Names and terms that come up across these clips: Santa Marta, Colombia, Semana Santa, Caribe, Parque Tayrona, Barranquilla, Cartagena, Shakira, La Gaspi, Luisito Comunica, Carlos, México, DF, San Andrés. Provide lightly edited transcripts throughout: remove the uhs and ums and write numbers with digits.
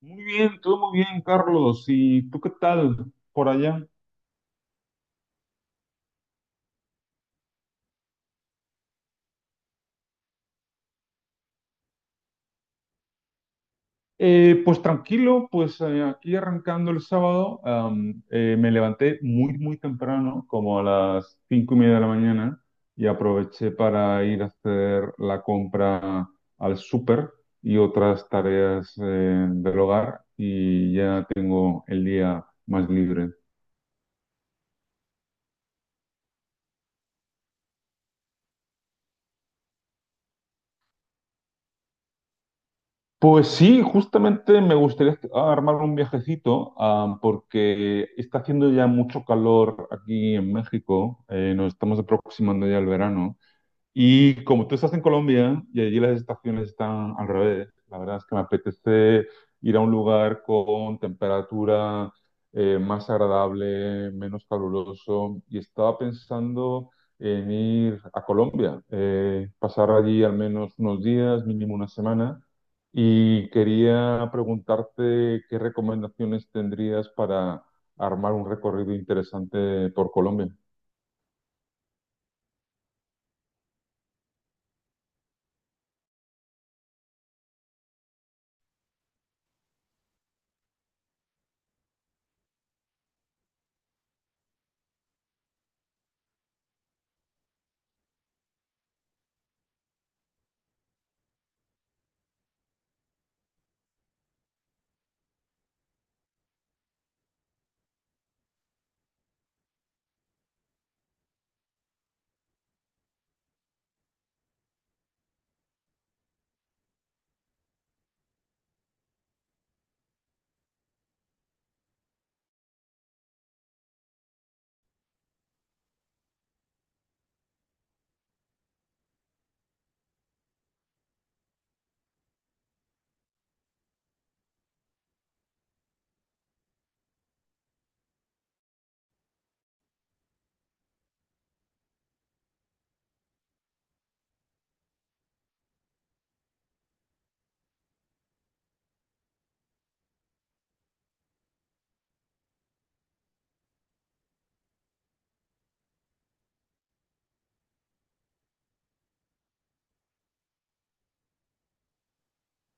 Muy bien, todo muy bien, Carlos. ¿Y tú qué tal por allá? Pues tranquilo, pues aquí arrancando el sábado, me levanté muy, muy temprano, como a las 5:30 de la mañana, y aproveché para ir a hacer la compra al súper y otras tareas del hogar, y ya tengo el día más libre. Pues sí, justamente me gustaría armar un viajecito, porque está haciendo ya mucho calor aquí en México, nos estamos aproximando ya al verano. Y como tú estás en Colombia y allí las estaciones están al revés, la verdad es que me apetece ir a un lugar con temperatura más agradable, menos caluroso. Y estaba pensando en ir a Colombia, pasar allí al menos unos días, mínimo una semana. Y quería preguntarte qué recomendaciones tendrías para armar un recorrido interesante por Colombia.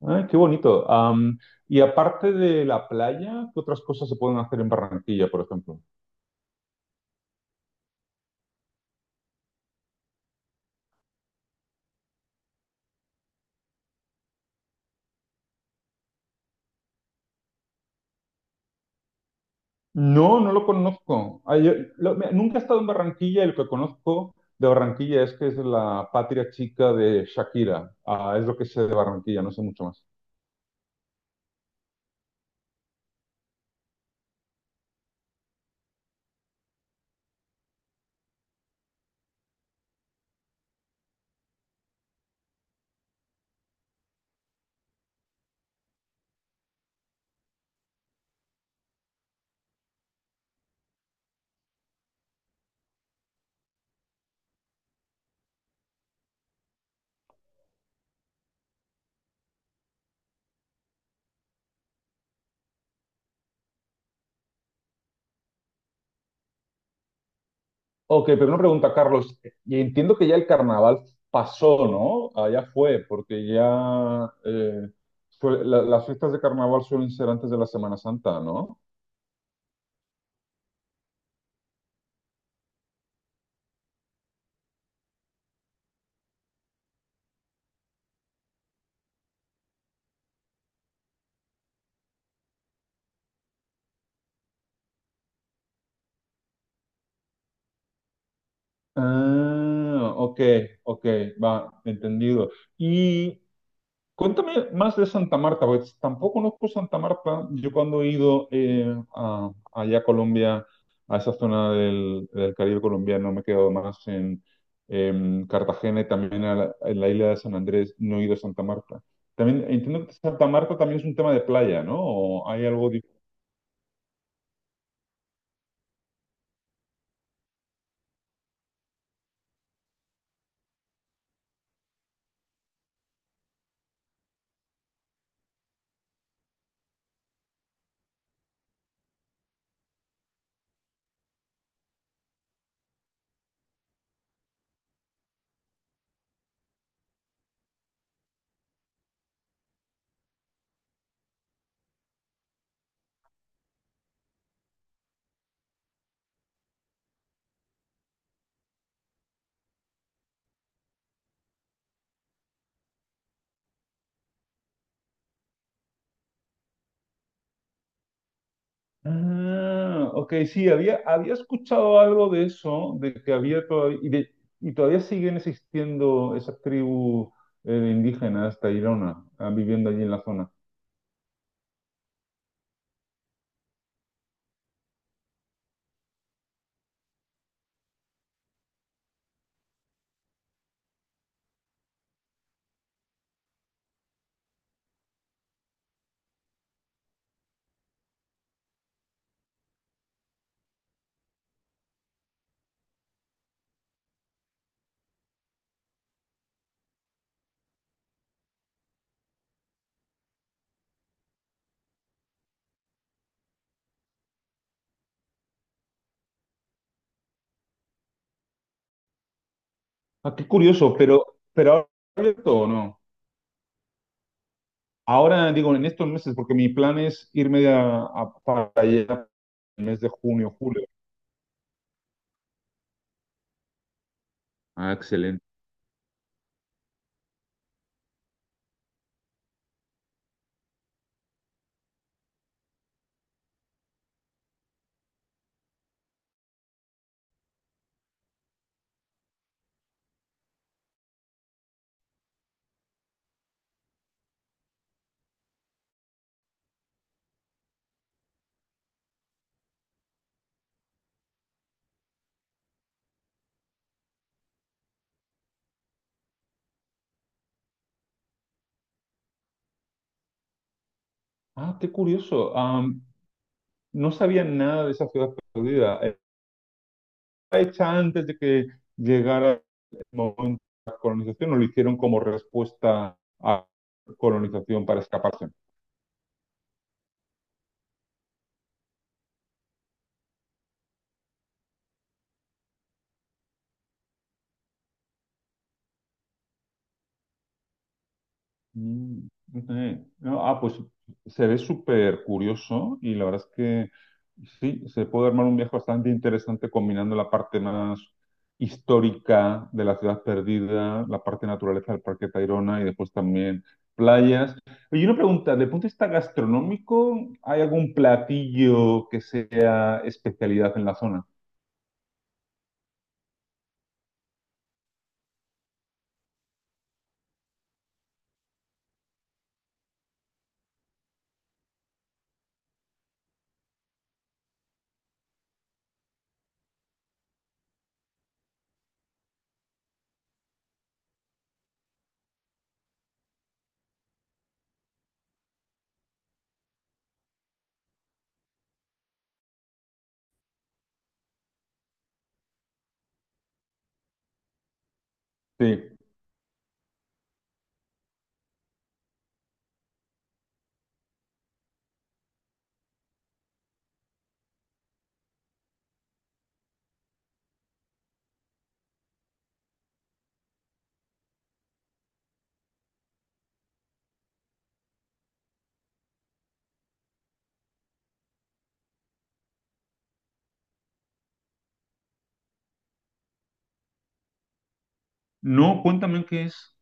Ay, qué bonito. Y aparte de la playa, ¿qué otras cosas se pueden hacer en Barranquilla, por ejemplo? No, no lo conozco. Ay, nunca he estado en Barranquilla y lo que conozco de Barranquilla es que es la patria chica de Shakira. Ah, es lo que sé de Barranquilla, no sé mucho más. Ok, pero una pregunta, Carlos. Y entiendo que ya el carnaval pasó, ¿no? Ah, ya fue, porque ya las fiestas de carnaval suelen ser antes de la Semana Santa, ¿no? Ah, ok, ok, va, entendido. Y cuéntame más de Santa Marta, porque tampoco conozco Santa Marta. Yo cuando he ido allá a Colombia, a esa zona del Caribe colombiano, me he quedado más en, Cartagena y también en la isla de San Andrés, no he ido a Santa Marta. También entiendo que Santa Marta también es un tema de playa, ¿no? ¿O hay algo? Ah, ok, sí, había escuchado algo de eso, de que había todavía, y todavía siguen existiendo esas tribus indígenas tairona, viviendo allí en la zona. Ah, qué curioso, pero, ahora ¿ha abierto o no? Ahora digo en estos meses, porque mi plan es irme para allá en el mes de junio, julio. Ah, excelente. Ah, qué curioso. No sabía nada de esa ciudad perdida. Hecha antes de que llegara el momento de la colonización, o lo hicieron como respuesta a la colonización para escaparse. Mm, ok. No, pues se ve súper curioso y la verdad es que sí, se puede armar un viaje bastante interesante combinando la parte más histórica de la ciudad perdida, la parte naturaleza del Parque Tayrona y después también playas. Y una pregunta, de punto de vista gastronómico, ¿hay algún platillo que sea especialidad en la zona? Sí. No, cuéntame qué es.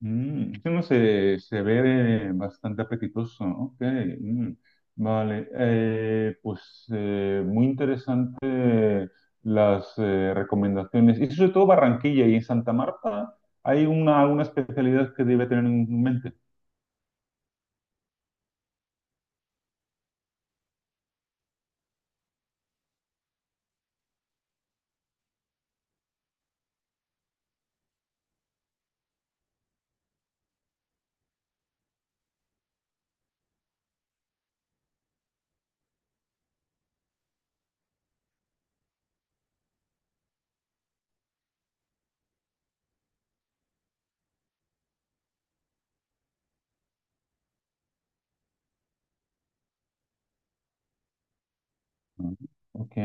Mm, eso no se ve bastante apetitoso. Ok, mm, vale. Pues muy interesante las recomendaciones. Y sobre todo Barranquilla y en Santa Marta hay una, especialidad que debe tener en mente. Mm, ok,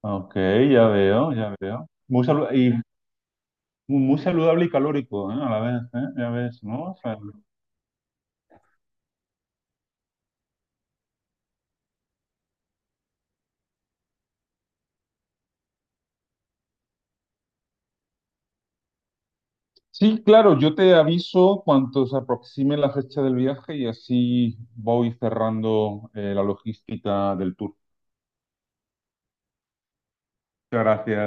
ok, ya veo, ya veo. Muy saludable y calórico, ¿eh? A la vez, ¿eh? Ya ves, ¿no? Sí, claro, yo te aviso cuando se aproxime la fecha del viaje y así voy cerrando la logística del tour. Muchas gracias.